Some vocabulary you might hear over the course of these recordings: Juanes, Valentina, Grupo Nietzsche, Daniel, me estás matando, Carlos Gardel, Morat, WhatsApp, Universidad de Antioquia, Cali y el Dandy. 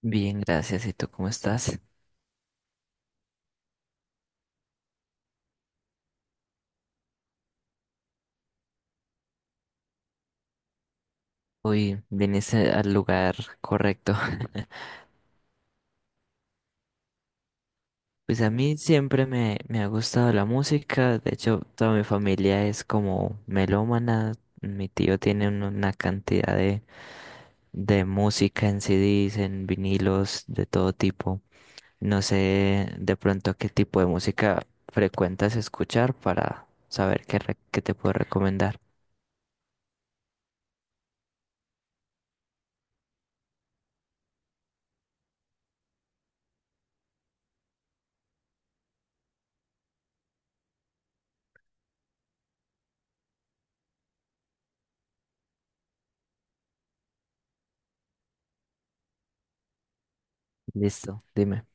Bien, gracias. ¿Y tú cómo estás? Hoy viniste al lugar correcto. Pues a mí siempre me ha gustado la música. De hecho, toda mi familia es como melómana. Mi tío tiene una cantidad de música en CDs, en vinilos, de todo tipo. No sé de pronto qué tipo de música frecuentas escuchar para saber qué te puedo recomendar. Listo, dime.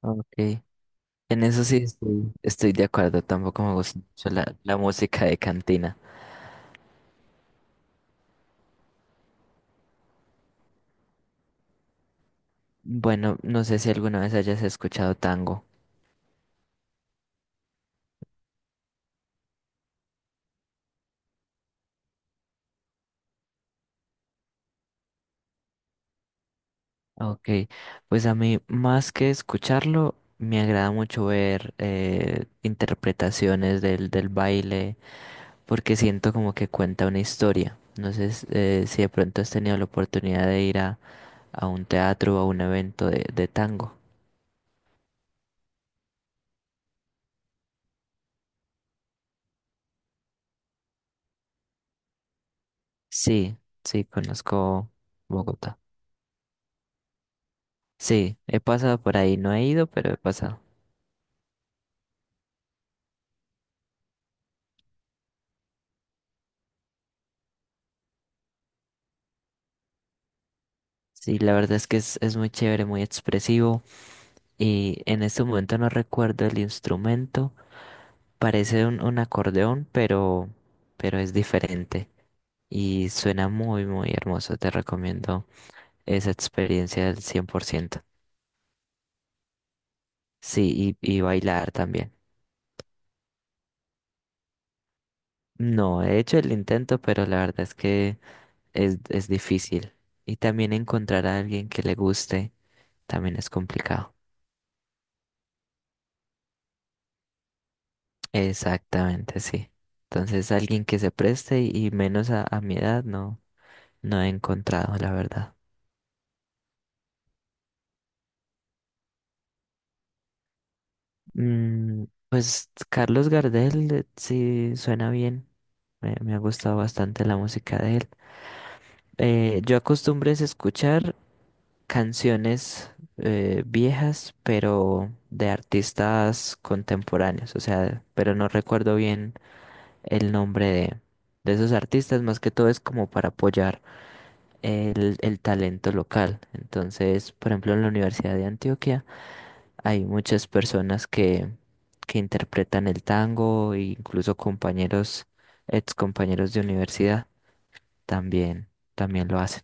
Ok. En eso sí estoy de acuerdo, tampoco me gusta mucho la música de cantina. Bueno, no sé si alguna vez hayas escuchado tango. Ok, pues a mí más que escucharlo, me agrada mucho ver interpretaciones del baile, porque siento como que cuenta una historia. No sé si de pronto has tenido la oportunidad de ir a un teatro o a un evento de tango. Sí, sí, conozco Bogotá. Sí, he pasado por ahí, no he ido, pero he pasado. Sí, la verdad es que es muy chévere, muy expresivo y en este momento no recuerdo el instrumento, parece un acordeón, pero es diferente y suena muy hermoso, te recomiendo esa experiencia al 100%. Sí, y bailar también. No, he hecho el intento, pero la verdad es que es difícil y también encontrar a alguien que le guste también es complicado. Exactamente, sí. Entonces, alguien que se preste y menos a mi edad, no, no he encontrado, la verdad. Mm, pues Carlos Gardel, sí, suena bien. Me ha gustado bastante la música de él. Yo acostumbré es escuchar canciones viejas, pero de artistas contemporáneos, o sea, pero no recuerdo bien el nombre de esos artistas, más que todo es como para apoyar el talento local. Entonces, por ejemplo, en la Universidad de Antioquia hay muchas personas que interpretan el tango e incluso compañeros, ex compañeros de universidad también, también lo hacen.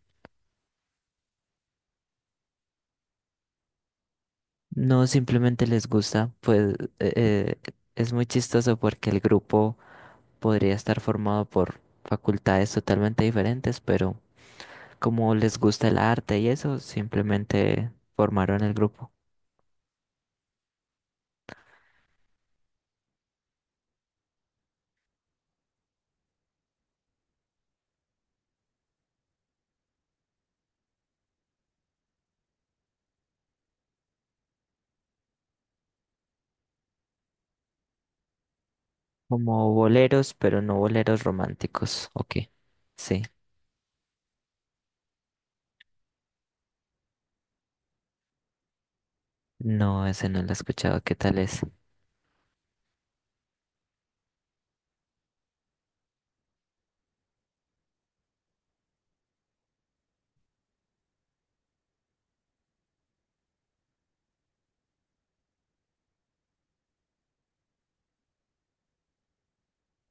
No simplemente les gusta, pues eh, eh, es muy chistoso porque el grupo podría estar formado por facultades totalmente diferentes, pero como les gusta el arte y eso, simplemente formaron el grupo. Como boleros, pero no boleros románticos. Ok, sí. No, ese no lo he escuchado. ¿Qué tal es?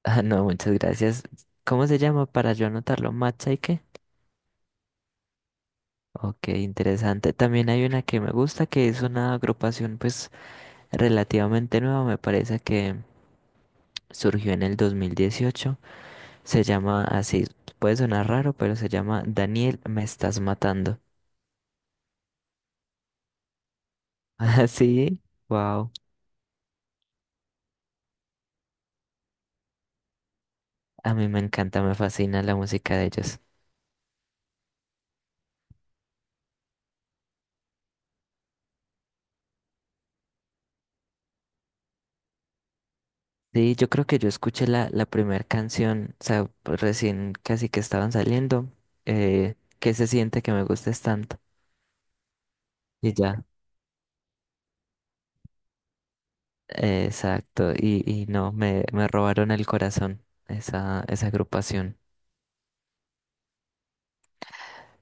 Ah, no, muchas gracias. ¿Cómo se llama para yo anotarlo? ¿Matcha y qué? Ok, interesante. También hay una que me gusta, que es una agrupación pues relativamente nueva, me parece que surgió en el 2018. Se llama así, puede sonar raro, pero se llama Daniel, me estás matando. Así, wow. A mí me encanta, me fascina la música de ellos. Sí, yo creo que yo escuché la primera canción, o sea, pues recién casi que estaban saliendo, ¿qué se siente que me gustes tanto? Y ya, exacto, y no, me robaron el corazón esa agrupación.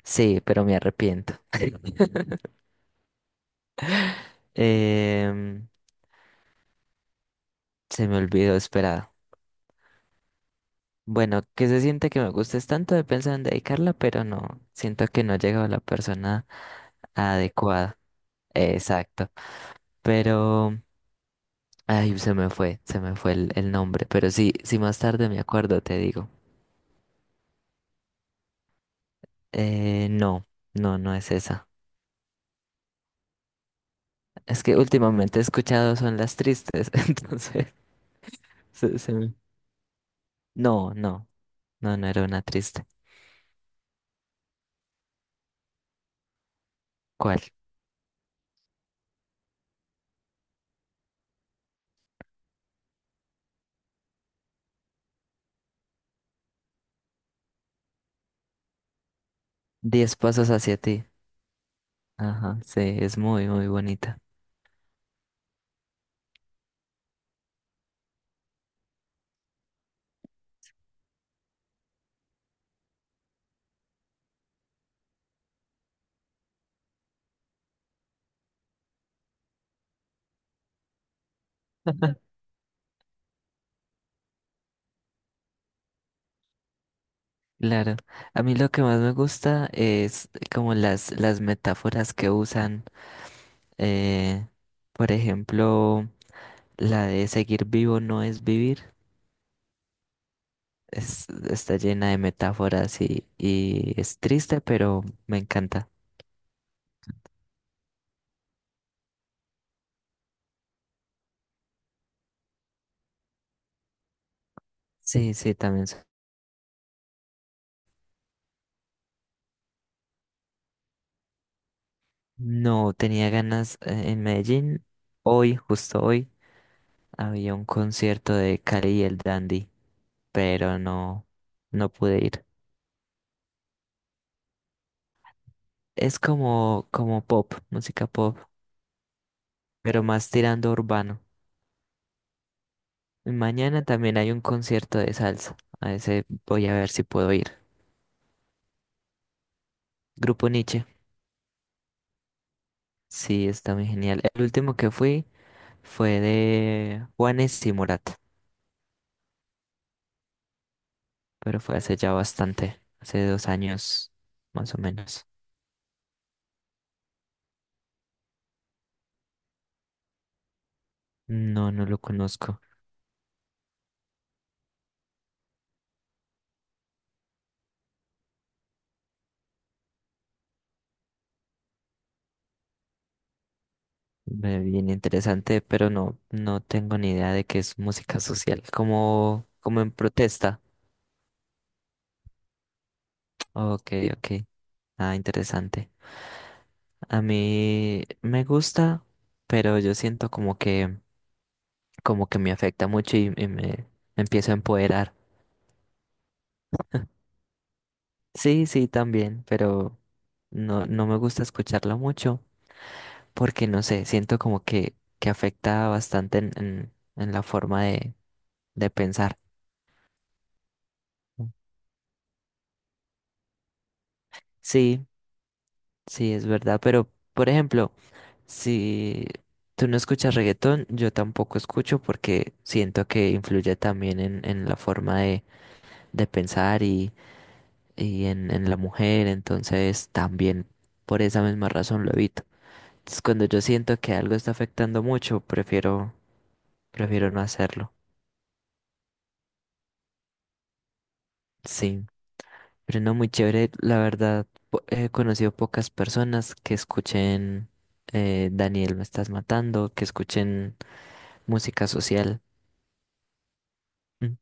Sí, pero me arrepiento. Em, se me olvidó, esperado. Bueno, ¿qué se siente que me gustes tanto? He pensado en dedicarla, pero no, siento que no he llegado a la persona adecuada. Exacto. Pero... Ay, se me fue el nombre, pero sí, si más tarde me acuerdo, te digo. Eh, no, no es esa. Es que últimamente he escuchado son las tristes, entonces se- se me- no, no era una triste. ¿Cuál? Diez pasos hacia ti. Ajá, sí, es muy bonita. Claro, a mí lo que más me gusta es como las metáforas que usan, eh, por ejemplo, la de seguir vivo no es vivir. Está llena de metáforas y es triste, pero me encanta. Sí, sí, también. No, tenía ganas en Medellín. Hoy, justo hoy, había un concierto de Cali y el Dandy, pero no, no pude ir. Es como, como pop, música pop, pero más tirando a urbano. Y mañana también hay un concierto de salsa. A ese voy a ver si puedo ir. Grupo Nietzsche. Sí, está muy genial. El último que fui fue de Juanes y Morat, pero fue hace ya bastante, hace 2 años más o menos. No, no lo conozco. Ve, bien interesante, pero no, no tengo ni idea de qué es música social, como, como en protesta. Ok, sí, ok. Ah, interesante. A mí me gusta, pero yo siento como que me afecta mucho y me empiezo a empoderar. Sí, sí, también, pero no, no me gusta escucharla mucho porque no sé, siento como que afecta bastante en la forma de pensar. Sí, sí, es verdad, pero por ejemplo, si tú no escuchas reggaetón, yo tampoco escucho porque siento que influye también en la forma de pensar y en la mujer, entonces también por esa misma razón lo evito. Entonces, cuando yo siento que algo está afectando mucho, prefiero, prefiero no hacerlo. Sí, pero no muy chévere. La verdad, he conocido pocas personas que escuchen Daniel, me estás matando, que escuchen música social. Mm.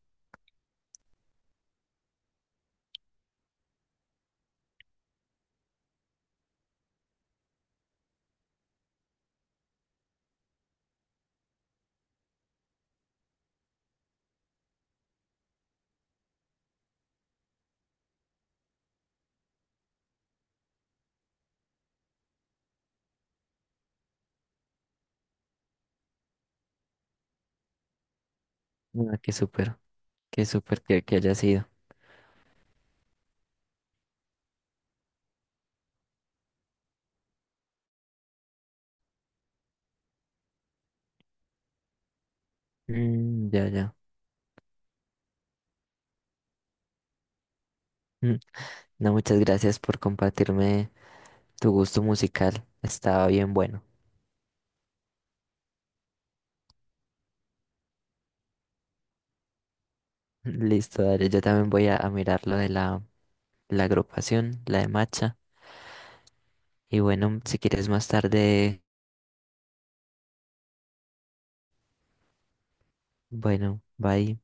Ah, qué súper que haya sido. Mm, ya, ya. Mm. No, muchas gracias por compartirme tu gusto musical. Estaba bien bueno. Listo, dale. Yo también voy a mirar lo de la agrupación, la de Macha. Y bueno, si quieres más tarde, bueno, bye.